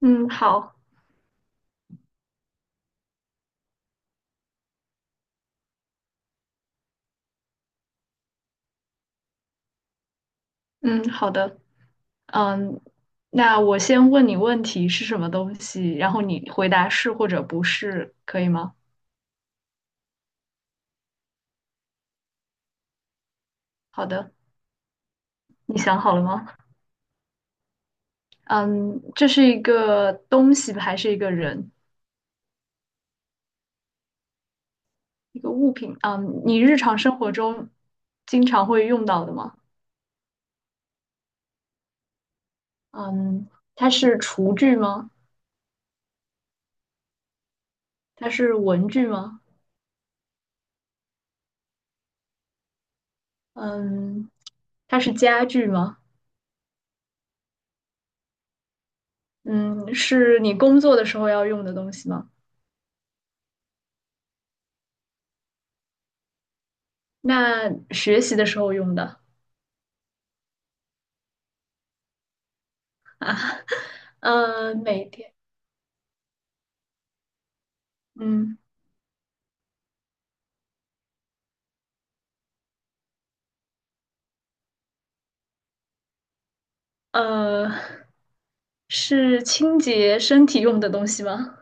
嗯，好。嗯，好的。嗯，那我先问你问题是什么东西，然后你回答是或者不是，可以吗？好的。你想好了吗？嗯，这是一个东西还是一个人？一个物品？嗯，你日常生活中经常会用到的吗？嗯，它是厨具吗？它是文具吗？嗯，它是家具吗？嗯，是你工作的时候要用的东西吗？那学习的时候用的。每天，嗯，呃，是清洁身体用的东西吗？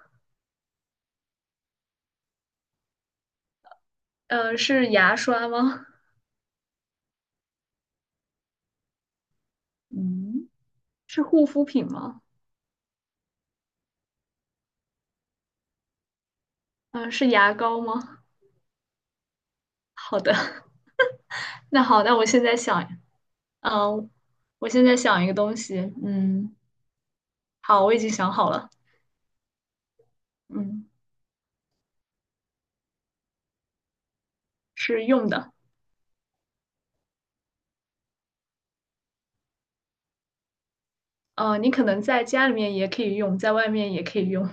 是牙刷吗？嗯，是护肤品吗？嗯、是牙膏吗？好的。那好，那我现在想。嗯、我现在想一个东西，嗯，好，我已经想好了。嗯，是用的。你可能在家里面也可以用，在外面也可以用。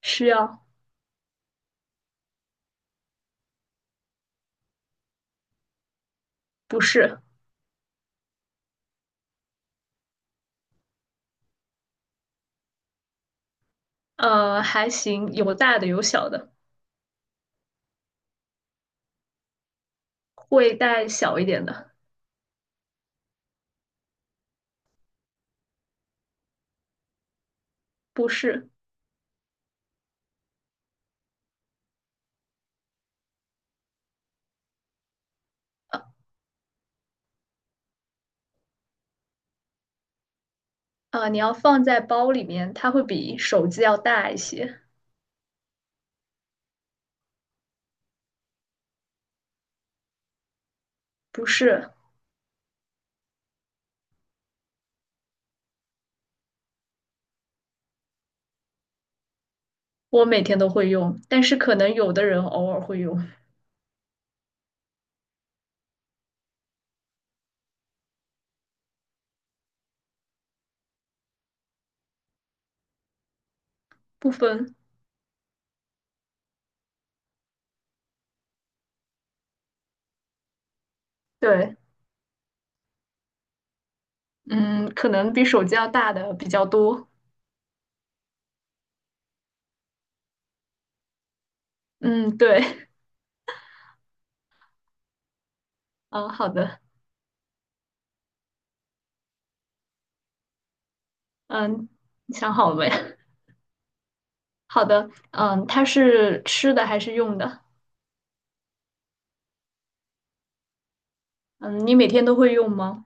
需要。不是。还行，有大的有小的。会带小一点的。不是。你要放在包里面，它会比手机要大一些。不是。我每天都会用，但是可能有的人偶尔会用。不分。对。嗯，可能比手机要大的比较多。嗯，对。嗯，好的。嗯，你想好了没？好的。嗯，它是吃的还是用的？嗯，你每天都会用吗？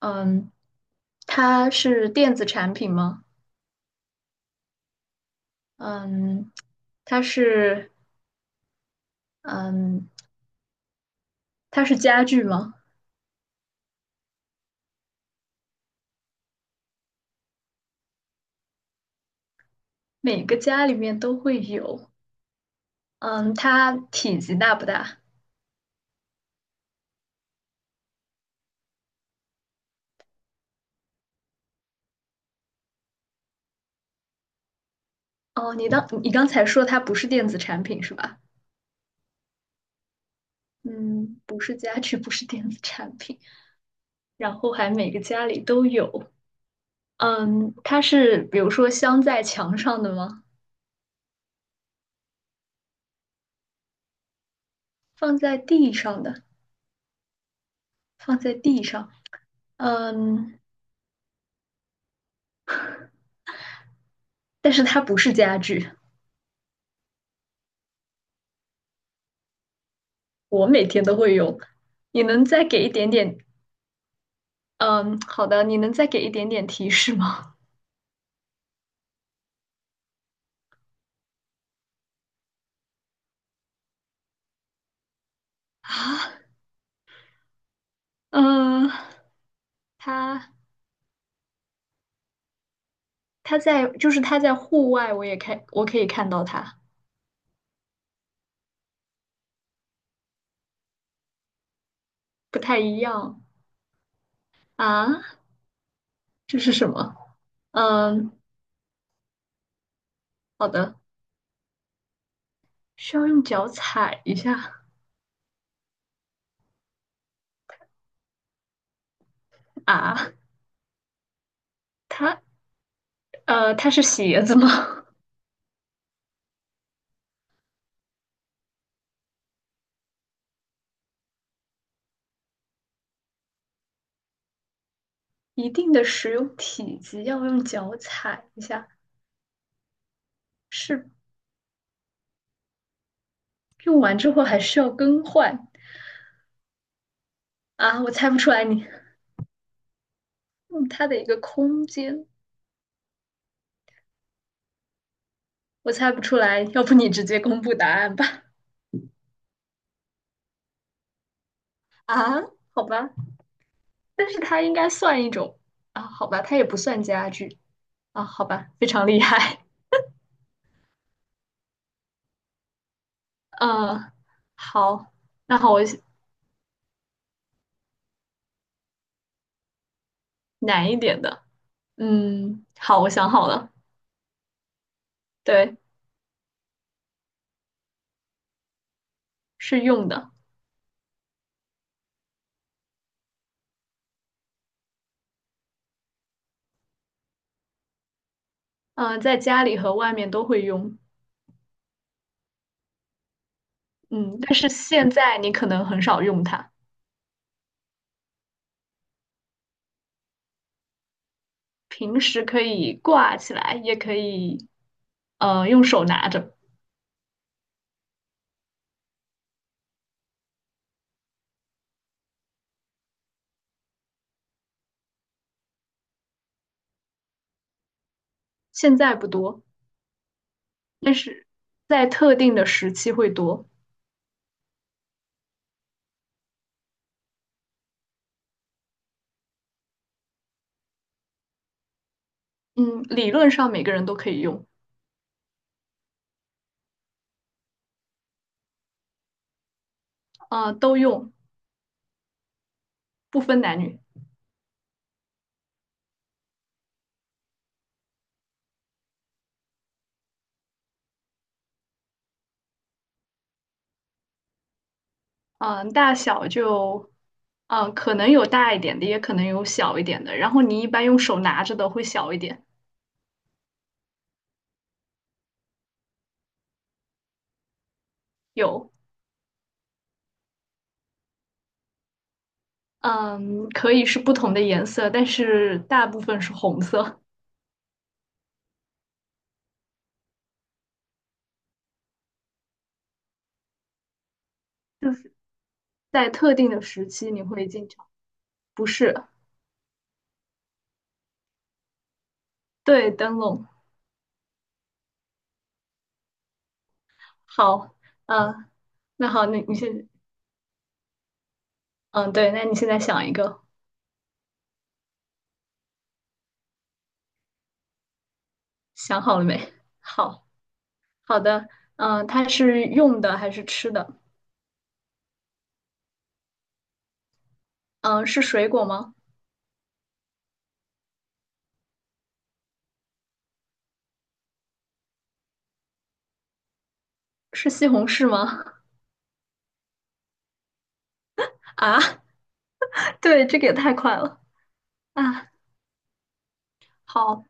嗯，它是电子产品吗？嗯，它是嗯，它是家具吗？每个家里面都会有。嗯，它体积大不大？哦，你当你刚才说它不是电子产品是吧？嗯，不是家具，不是电子产品，然后还每个家里都有。嗯，它是比如说镶在墙上的吗？放在地上的。放在地上。嗯，但是它不是家具。我每天都会用。你能再给一点点嗯，好的，你能再给一点点提示吗？啊，嗯，他他在户外，我可以看到他。不太一样啊。这是什么？嗯，好的，需要用脚踩一下啊。它它是鞋子吗？一定的使用体积要用脚踩一下。是用完之后还需要更换啊？我猜不出来你用它的一个空间。我猜不出来，要不你直接公布答案吧？啊，好吧，但是它应该算一种啊，好吧，它也不算家具啊，好吧，非常厉害。嗯，好。那好，我难一点的。嗯，好，我想好了。对，是用的。嗯，在家里和外面都会用。嗯，但是现在你可能很少用它。平时可以挂起来，也可以，用手拿着。现在不多。但是在特定的时期会多。嗯，理论上每个人都可以用。都用。不分男女。大小就，可能有大一点的，也可能有小一点的。然后你一般用手拿着的会小一点。有。嗯，可以是不同的颜色，但是大部分是红色。在特定的时期你会经常。不是。对，灯笼。好。嗯、那好，那你现，嗯，对，那你现在想一个。想好了没？好。好的。它是用的还是吃的？嗯、是水果吗？是西红柿吗？啊，对，这个也太快了啊！好。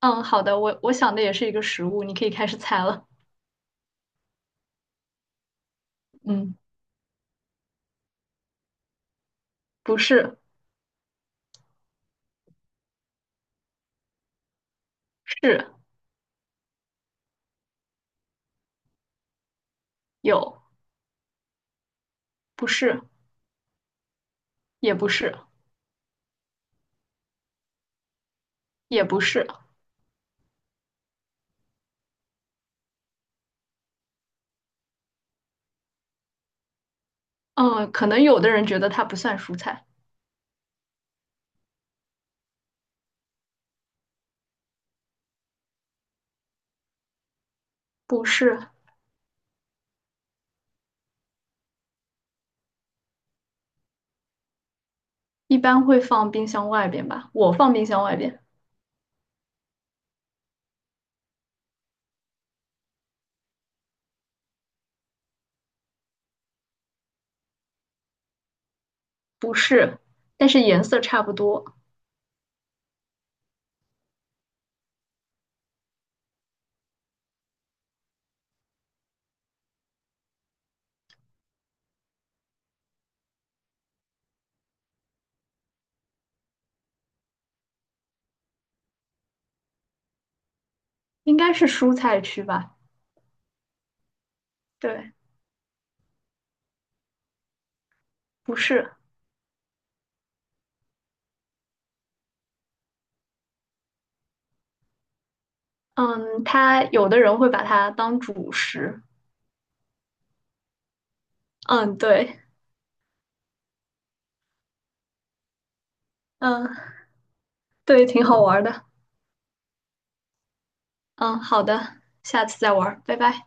嗯，好的，我想的也是一个食物，你可以开始猜了。嗯，不是。是。有。不是。也不是。也不是。嗯，可能有的人觉得它不算蔬菜。不是。一般会放冰箱外边吧？我放冰箱外边。不是，但是颜色差不多。应该是蔬菜区吧？对。不是。嗯，他有的人会把它当主食。嗯，对。嗯，对，挺好玩的。嗯，好的，下次再玩拜拜。